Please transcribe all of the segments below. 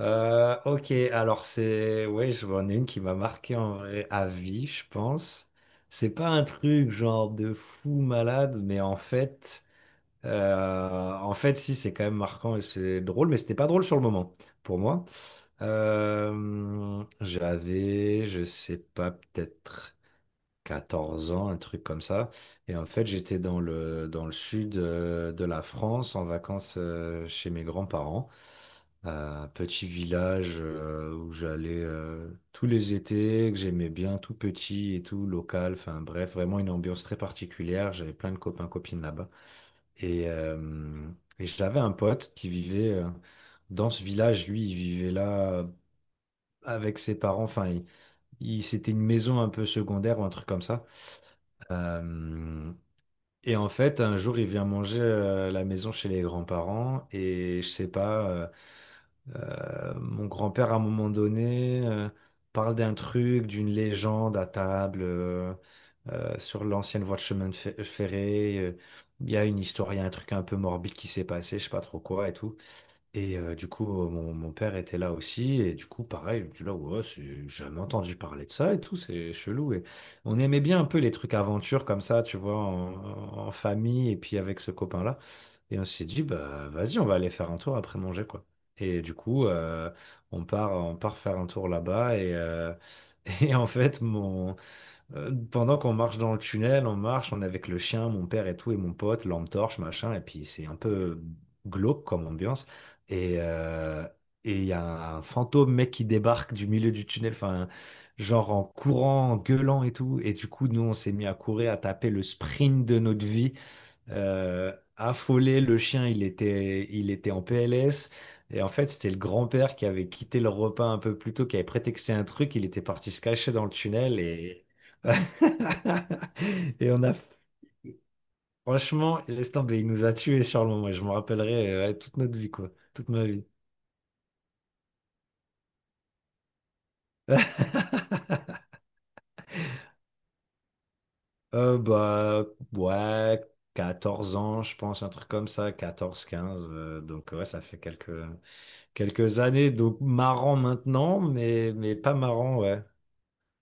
Ok, alors ouais, je vois une qui m'a marqué en vrai à vie, je pense. C'est pas un truc genre de fou malade, mais en fait, si, c'est quand même marquant et c'est drôle, mais c'était pas drôle sur le moment, pour moi. J'avais, je sais pas, peut-être 14 ans, un truc comme ça. Et en fait, j'étais dans le sud, de la France en vacances, chez mes grands-parents, à un petit village où j'allais tous les étés, que j'aimais bien, tout petit et tout local. Enfin bref, vraiment une ambiance très particulière. J'avais plein de copains, copines là-bas. Et, euh, et j'avais un pote qui vivait dans ce village. Lui, il vivait là avec ses parents. Enfin, c'était une maison un peu secondaire ou un truc comme ça. Euh, et en fait, un jour, il vient manger à la maison chez les grands-parents. Et je sais pas, mon grand-père, à un moment donné, parle d'un truc, d'une légende à table, sur l'ancienne voie de chemin de ferré. Il y a une histoire, il y a un truc un peu morbide qui s'est passé, je sais pas trop quoi et tout. Et du coup, mon père était là aussi, et du coup, pareil, il me dit là, ouais, j'ai jamais entendu parler de ça et tout, c'est chelou. Et on aimait bien un peu les trucs aventures comme ça, tu vois, en famille, et puis avec ce copain-là. Et on s'est dit, bah, vas-y, on va aller faire un tour après manger, quoi. Et du coup, on part faire un tour là-bas. En fait, pendant qu'on marche dans le tunnel, on marche, on est avec le chien, mon père et tout, et mon pote, lampe torche, machin, et puis c'est un peu glauque comme ambiance. Et euh, et il y a un fantôme mec qui débarque du milieu du tunnel, enfin, genre en courant, en gueulant et tout. Et du coup, nous, on s'est mis à courir, à taper le sprint de notre vie, affolé. Le chien, il était en PLS. Et en fait, c'était le grand-père qui avait quitté le repas un peu plus tôt, qui avait prétexté un truc. Il était parti se cacher dans le tunnel. et on a, Franchement, laisse tomber, il nous a tués sur le moment. Je me rappellerai, ouais, toute notre vie, quoi. Toute ma vie. Bah, ouais, 14 ans, je pense, un truc comme ça, 14, 15. Donc, ouais, ça fait quelques. Quelques années, donc marrant maintenant, mais pas marrant, ouais.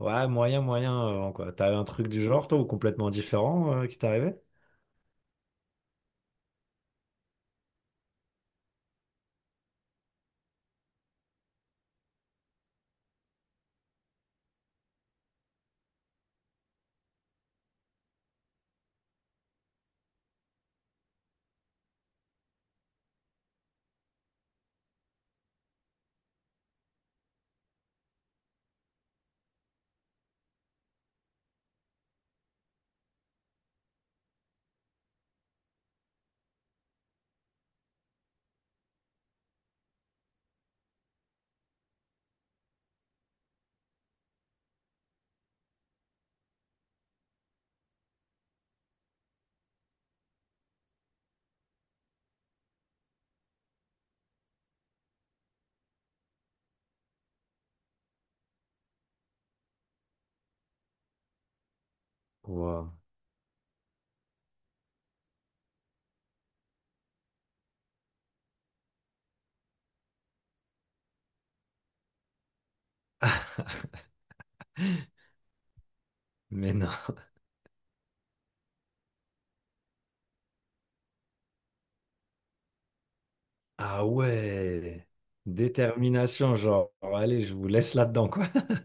Ouais, moyen, moyen, quoi. T'as un truc du genre, toi, ou complètement différent, qui t'est arrivé? Wow. Mais non. Ah ouais. Détermination, genre, allez, je vous laisse là-dedans, quoi.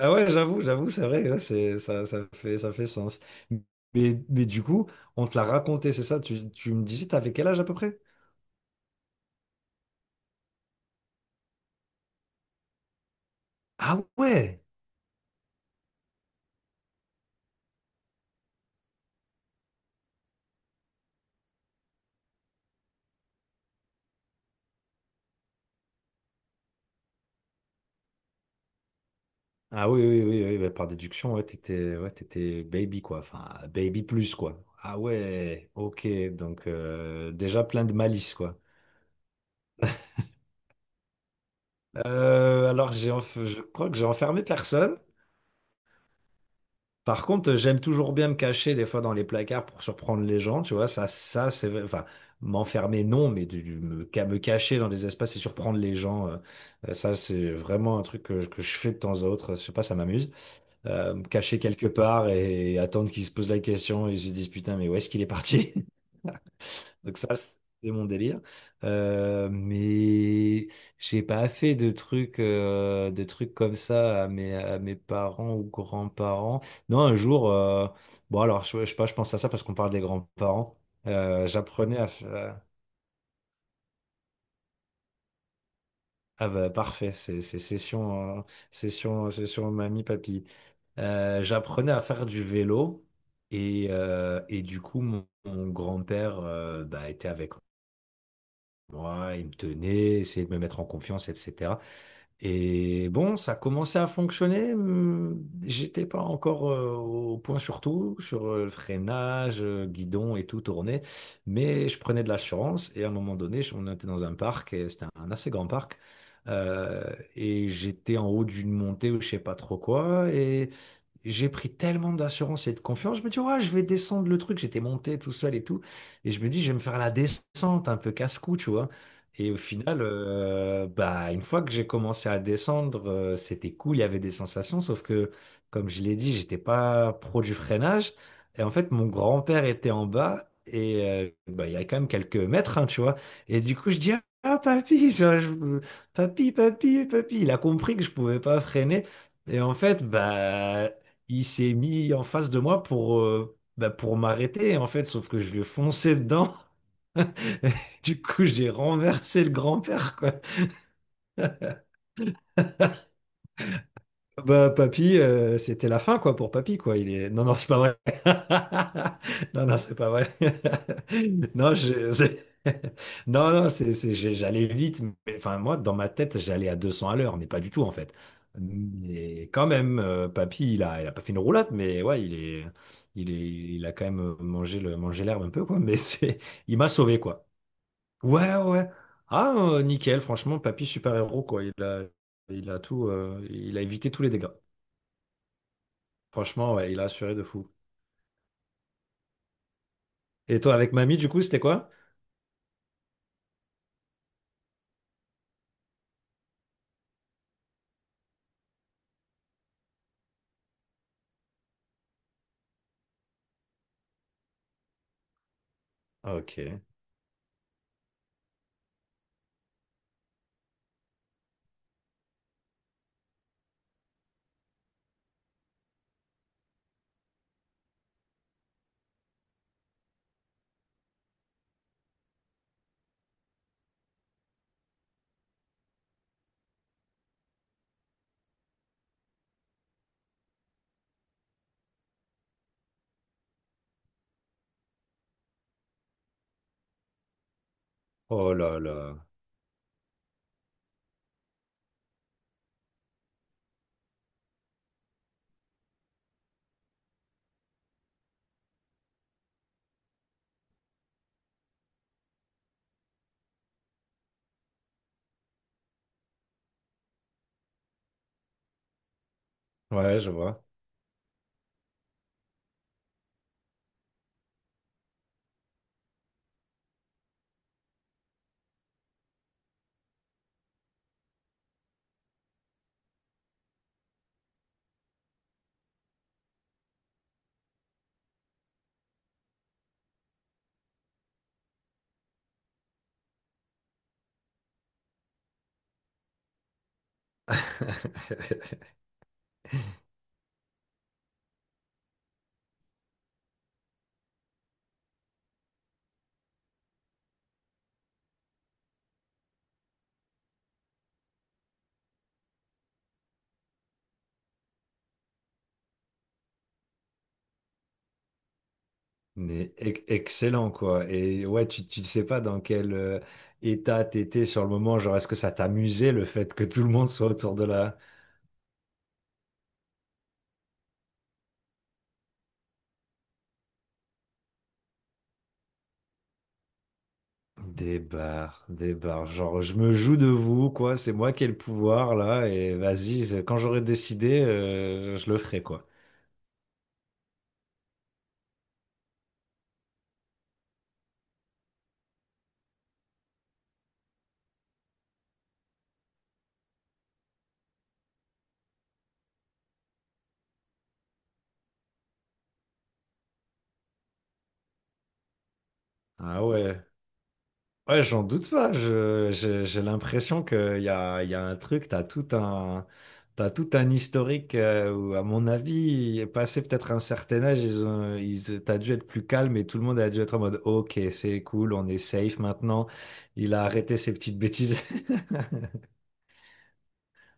Ah ouais, j'avoue, c'est vrai, là, c'est, ça, ça fait sens. Mais du coup, on te l'a raconté, c'est ça? Tu me disais, t'avais quel âge à peu près? Ah ouais! Ah oui, oui, oui, oui, bah, par déduction, ouais, t'étais baby, quoi. Enfin, baby plus, quoi. Ah ouais, ok, donc déjà plein de malice, quoi. Alors, je crois que j'ai enfermé personne. Par contre, j'aime toujours bien me cacher des fois dans les placards pour surprendre les gens, tu vois. Ça, c'est, enfin, m'enfermer, non, mais de me cacher dans des espaces et surprendre les gens, ça, c'est vraiment un truc que je fais de temps à autre. Je sais pas, ça m'amuse. Caché quelque part et attendre qu'ils se posent la question et ils se disent putain, mais où est-ce qu'il est parti? Donc ça, c'est mon délire. Mais j'ai pas fait de trucs comme ça à mes parents ou grands-parents. Non, un jour, bon alors, je sais pas, je pense à ça parce qu'on parle des grands-parents. Euh, j'apprenais à, f- Ah bah parfait, c'est session, session mamie, papy. J'apprenais à faire du vélo et du coup mon grand-père, bah, était avec moi, il me tenait, essayait de me mettre en confiance, etc. Et bon, ça commençait à fonctionner. J'étais pas encore au point sur tout, sur le freinage, guidon et tout tourné, mais je prenais de la chance. Et à un moment donné, on était dans un parc, et c'était un assez grand parc, euh, et j'étais en haut d'une montée ou je sais pas trop quoi, j'ai pris tellement d'assurance et de confiance. Je me dis, ouais, je vais descendre le truc. J'étais monté tout seul et tout. Et je me dis, je vais me faire la descente, un peu casse-cou, tu vois. Et au final, bah, une fois que j'ai commencé à descendre, c'était cool, il y avait des sensations. Sauf que, comme je l'ai dit, j'étais pas pro du freinage. Et en fait, mon grand-père était en bas. Et bah, il y a quand même quelques mètres, hein, tu vois. Et du coup, je dis, ah, papy, papy, papy, papy. Il a compris que je pouvais pas freiner. Et en fait, bah, il s'est mis en face de moi pour m'arrêter, en fait, sauf que je lui ai foncé dedans. Du coup, j'ai renversé le grand-père. Bah, papy, c'était la fin, quoi, pour papy, quoi. Non, non, c'est pas vrai. Non, non, c'est pas vrai. Non, non, non, j'allais vite. Enfin, moi, dans ma tête, j'allais à 200 à l'heure, mais pas du tout, en fait. Mais quand même, papy, il a pas fait une roulade, mais ouais, il a quand même mangé l'herbe un peu, quoi. Il m'a sauvé, quoi. Ouais, ouais. Ouais. Ah, nickel, franchement, papy, super-héros, quoi. Il a évité tous les dégâts. Franchement, ouais, il a assuré de fou. Et toi, avec mamie, du coup, c'était quoi? Ah, ok. Oh là là. Ouais, je vois. Mais excellent, quoi. Et ouais, tu sais pas dans quel état t'étais sur le moment. Genre, est-ce que ça t'amusait le fait que tout le monde soit autour de là? Des bars, des bars. Genre, je me joue de vous, quoi. C'est moi qui ai le pouvoir, là. Et vas-y, quand j'aurai décidé, je le ferai, quoi. Ah ouais. Ouais, j'en doute pas. J'ai l'impression qu'il y a un truc, t'as tout un historique, où, à mon avis, passé peut-être un certain âge, t'as dû être plus calme et tout le monde a dû être en mode, OK, c'est cool, on est safe maintenant. Il a arrêté ses petites bêtises.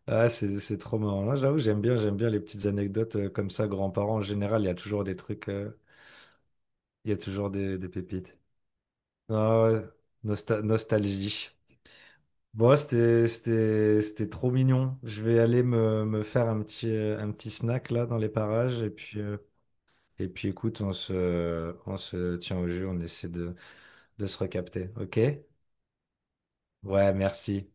Ah, c'est trop marrant. Là, j'avoue, j'aime bien les petites anecdotes comme ça. Grands-parents, en général, il y a toujours des trucs. Il y a toujours des pépites. Ah ouais, nostalgie. Bon, c'était trop mignon. Je vais aller me faire un petit snack là dans les parages. Et puis écoute, on se tient au jeu, on essaie de se recapter. OK? Ouais, merci.